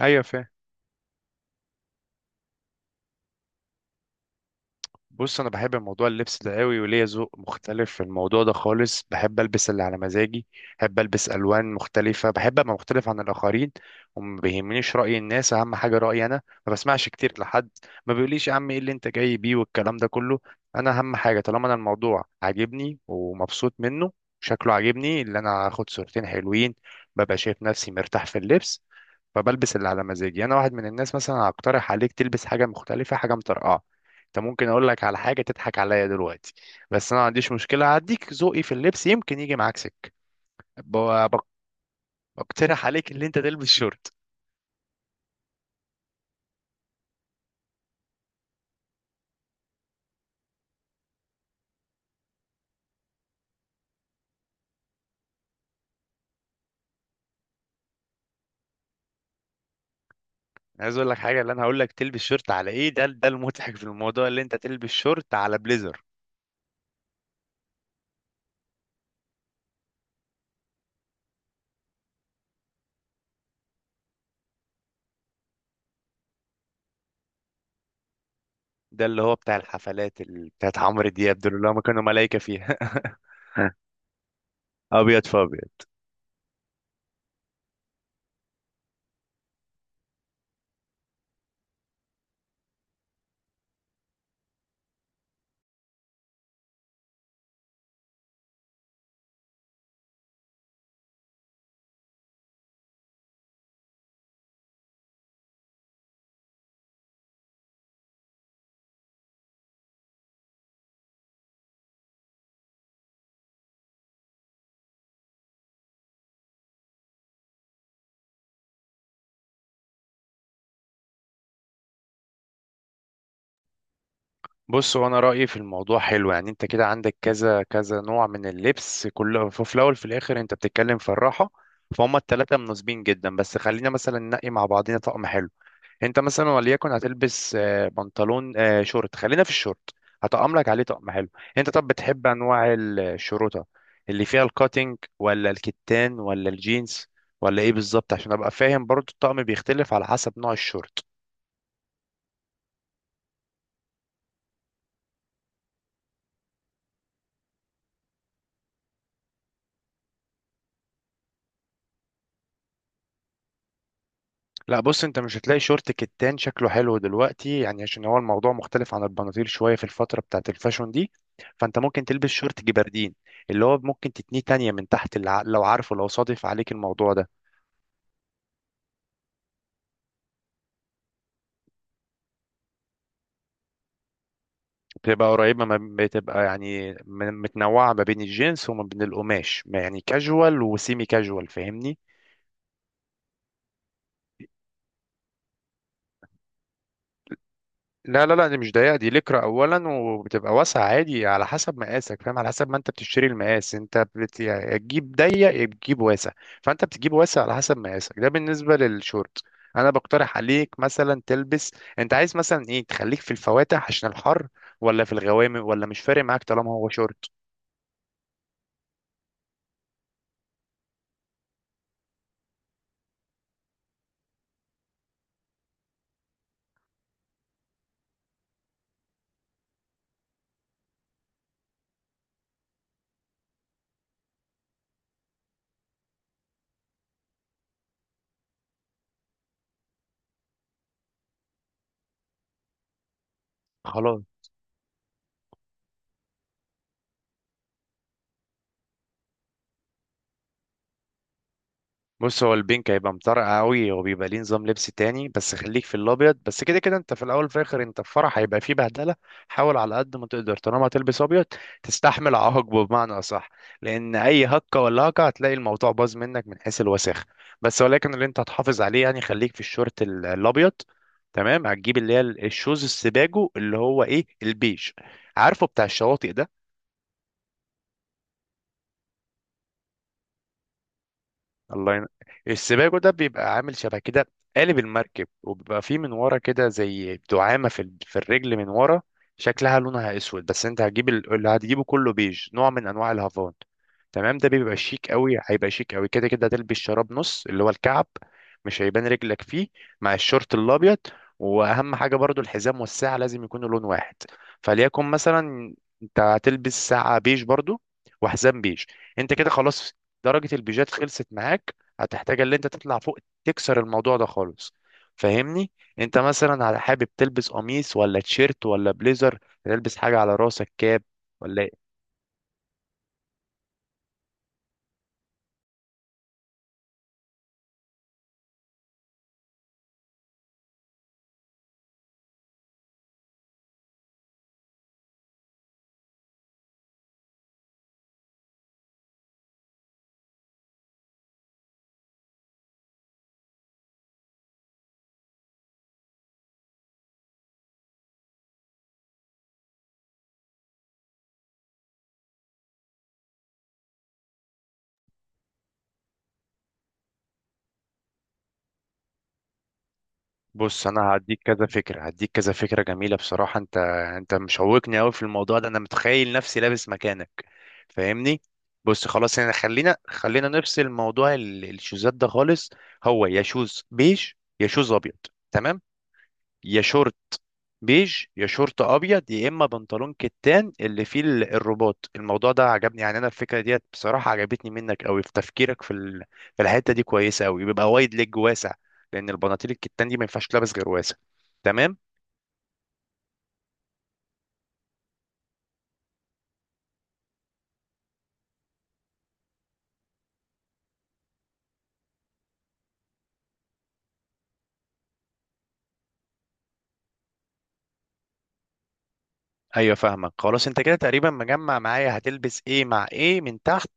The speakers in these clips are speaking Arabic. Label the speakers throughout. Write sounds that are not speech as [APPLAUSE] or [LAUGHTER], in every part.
Speaker 1: ايوه، فاهم. بص، انا بحب موضوع اللبس ده قوي وليا ذوق مختلف في الموضوع ده خالص. بحب البس اللي على مزاجي، بحب البس الوان مختلفه، بحب ابقى مختلف عن الاخرين وما بيهمنيش راي الناس. اهم حاجه رايي انا، ما بسمعش كتير لحد ما بيقوليش يا عم ايه اللي انت جاي بيه والكلام ده كله. انا اهم حاجه طالما انا الموضوع عاجبني ومبسوط منه، شكله عاجبني، اللي انا هاخد صورتين حلوين، ببقى شايف نفسي مرتاح في اللبس، فبلبس اللي على مزاجي. انا واحد من الناس مثلا هقترح عليك تلبس حاجه مختلفه، حاجه مطرقعه. انت ممكن اقول لك على حاجه تضحك عليا دلوقتي، بس انا ما عنديش مشكله، هديك ذوقي في اللبس، يمكن يجي معاك سكه. ب- بق- بقترح عليك ان انت تلبس شورت. أنا عايز اقول لك حاجه، اللي انا هقول لك تلبس شورت على ايه، ده ده المضحك في الموضوع، اللي انت تلبس شورت على بليزر. ده اللي هو بتاع الحفلات اللي بتاعت عمرو دياب، دول اللي هم كانوا ملايكه فيها. [LAUGHS] ابيض فابيض. بص، وانا رايي في الموضوع حلو، يعني انت كده عندك كذا كذا نوع من اللبس، كله في الاول في الاخر انت بتتكلم في الراحه. فهم الثلاثه مناسبين جدا، بس خلينا مثلا ننقي مع بعضنا طقم حلو. انت مثلا وليكن هتلبس بنطلون، شورت، خلينا في الشورت، هطقم لك عليه طقم حلو. انت طب بتحب انواع الشروطه اللي فيها الكاتنج ولا الكتان ولا الجينز ولا ايه بالظبط، عشان ابقى فاهم برضو الطقم بيختلف على حسب نوع الشورت. لا، بص، انت مش هتلاقي شورت كتان شكله حلو دلوقتي، يعني عشان هو الموضوع مختلف عن البناطيل شويه في الفتره بتاعت الفاشون دي. فانت ممكن تلبس شورت جبردين، اللي هو ممكن تتنيه تانية من تحت لو عارفه، لو صادف عليك الموضوع ده. بتبقى قريبه، ما بتبقى يعني متنوعه ما بين الجنس وما بين القماش، ما يعني كاجوال وسيمي كاجوال، فاهمني. لا، دي مش ضيقة، دي لكرة أولا، وبتبقى واسعة عادي على حسب مقاسك، فاهم، على حسب ما أنت بتشتري المقاس، أنت يا تجيب ضيق يا تجيب واسع. فأنت بتجيب واسع على حسب مقاسك. ده بالنسبة للشورت. أنا بقترح عليك مثلا تلبس، أنت عايز مثلا إيه، تخليك في الفواتح عشان الحر ولا في الغوامق، ولا مش فارق معاك طالما هو شورت؟ خلاص؟ بص، هو البينك هيبقى مطرقع قوي وبيبقى ليه نظام لبس تاني، بس خليك في الابيض بس. كده كده انت في الاول وفي الاخر انت في فرح هيبقى فيه بهدله. حاول على قد ما تقدر طالما هتلبس ابيض تستحمل عواقبه بمعنى اصح، لان اي هكه ولا هكه هتلاقي الموضوع باظ منك من حيث الوساخه. بس ولكن اللي انت هتحافظ عليه يعني خليك في الشورت الابيض. تمام، هتجيب اللي هي الشوز السباجو، اللي هو ايه، البيج، عارفه، بتاع الشواطئ ده. الله ين... السباجو ده بيبقى عامل شبه كده قالب المركب، وبيبقى فيه من ورا كده زي دعامة في الرجل من ورا. شكلها لونها اسود، بس انت هتجيب اللي هتجيبه كله بيج، نوع من انواع الهافان. تمام، ده بيبقى شيك قوي، هيبقى شيك قوي. كده كده هتلبس شراب نص، اللي هو الكعب، مش هيبان رجلك فيه مع الشورت الابيض. واهم حاجة برضو الحزام والساعة لازم يكونوا لون واحد. فليكن مثلا انت هتلبس ساعة بيج برضو وحزام بيج. انت كده خلاص، درجة البيجات خلصت معاك. هتحتاج اللي انت تطلع فوق تكسر الموضوع ده خالص، فاهمني. انت مثلا على حابب تلبس قميص ولا تيشيرت ولا بليزر؟ تلبس حاجة على راسك كاب ولا ايه؟ بص، انا هديك كذا فكرة، هديك كذا فكرة جميلة بصراحة. انت، انت مشوقني قوي في الموضوع ده، انا متخيل نفسي لابس مكانك، فاهمني. بص، خلاص، احنا خلينا نفصل موضوع الشوزات ده خالص. هو يا شوز بيج يا شوز ابيض، تمام، يا شورت بيج يا شورت ابيض، يا اما بنطلون كتان اللي فيه الرباط. الموضوع ده عجبني، يعني انا الفكره ديت بصراحه عجبتني منك قوي في تفكيرك في الحته دي، كويسه قوي، بيبقى وايد ليج واسع، لان البناطيل الكتان دي ما ينفعش تلبس غير واسع. تمام. ايوه، فاهمك. خلاص، انت كده تقريبا مجمع معايا هتلبس ايه مع ايه من تحت.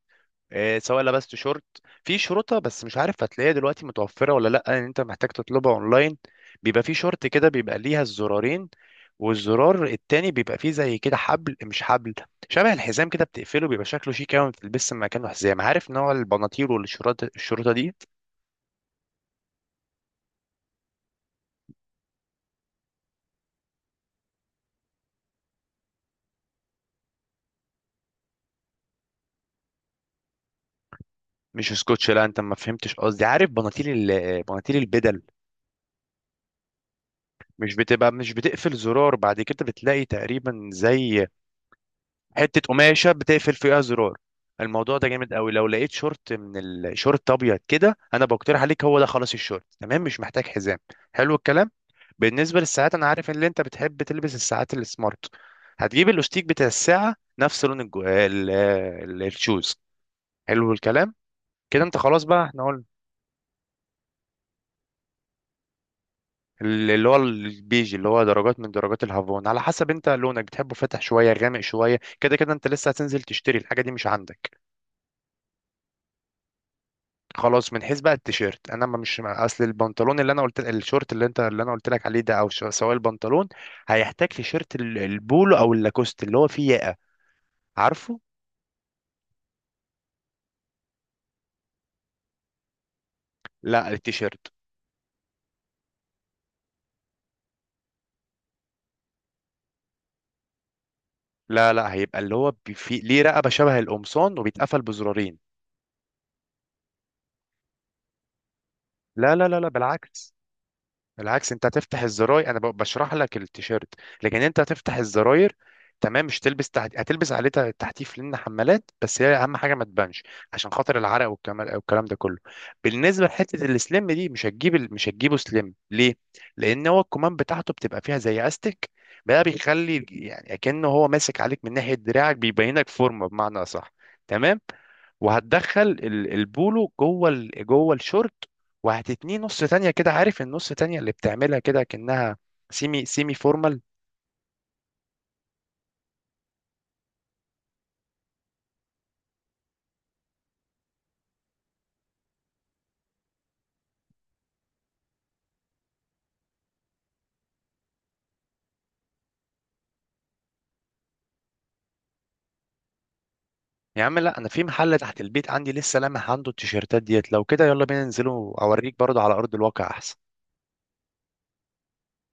Speaker 1: سواء لبست شورت، في شرطة، بس مش عارف هتلاقيها دلوقتي متوفرة ولا لأ، لأن أنت محتاج تطلبها أونلاين. بيبقى في شورت كده بيبقى ليها الزرارين، والزرار التاني بيبقى فيه زي كده حبل مش حبل، شبه الحزام كده، بتقفله، بيبقى شكله شيك أوي، بتلبس مكانه حزام. عارف نوع البناطيل والشرطة، الشرطة دي مش سكوتش. لا، أنت ما فهمتش قصدي. عارف بناطيل بناطيل البدل، مش بتقفل زرار، بعد كده بتلاقي تقريبا زي حته قماشه بتقفل فيها زرار. الموضوع ده جامد قوي. لو لقيت شورت من الشورت ابيض كده انا بقترح عليك هو ده، خلاص الشورت، تمام، مش محتاج حزام. حلو الكلام. بالنسبه للساعات، انا عارف ان انت بتحب تلبس الساعات السمارت. هتجيب الاستيك بتاع الساعه نفس لون الشوز. حلو الكلام. كده انت خلاص بقى، احنا قلنا اللي هو البيج، اللي هو درجات من درجات الهافون على حسب انت لونك بتحبه فاتح شويه غامق شويه، كده كده انت لسه هتنزل تشتري الحاجه دي مش عندك. خلاص. من حيث بقى التيشيرت، انا ما مش اصل البنطلون اللي انا قلت، الشورت اللي انت اللي انا قلت لك عليه ده، او سواء البنطلون، هيحتاج تيشيرت البولو او اللاكوست اللي هو فيه ياقه، عارفه. لا، التيشيرت، لا لا، هيبقى اللي هو فيه ليه رقبه شبه القمصان وبيتقفل بزرارين. لا، بالعكس، بالعكس، انت هتفتح الزراير. انا بشرح لك التيشيرت، لكن انت هتفتح الزراير. تمام، مش هتلبس عليه تحتيف لان حمالات، بس هي اهم حاجه ما تبانش، عشان خاطر العرق والكلام والكلام ده كله. بالنسبه لحته السليم دي، مش هتجيب مش هتجيبه سليم ليه، لان هو الكمام بتاعته بتبقى فيها زي استك، بقى بيخلي يعني كأنه هو ماسك عليك من ناحيه دراعك، بيبينك فورمه بمعنى اصح. تمام. وهتدخل البولو جوه جوه الشورت، وهتتنيه نص تانية كده، عارف النص تانية اللي بتعملها كده كأنها سيمي فورمال. يا عم لا، انا في محل تحت البيت عندي لسه لامح عنده التيشيرتات ديت. لو كده يلا بينا ننزله اوريك برضه على ارض الواقع احسن.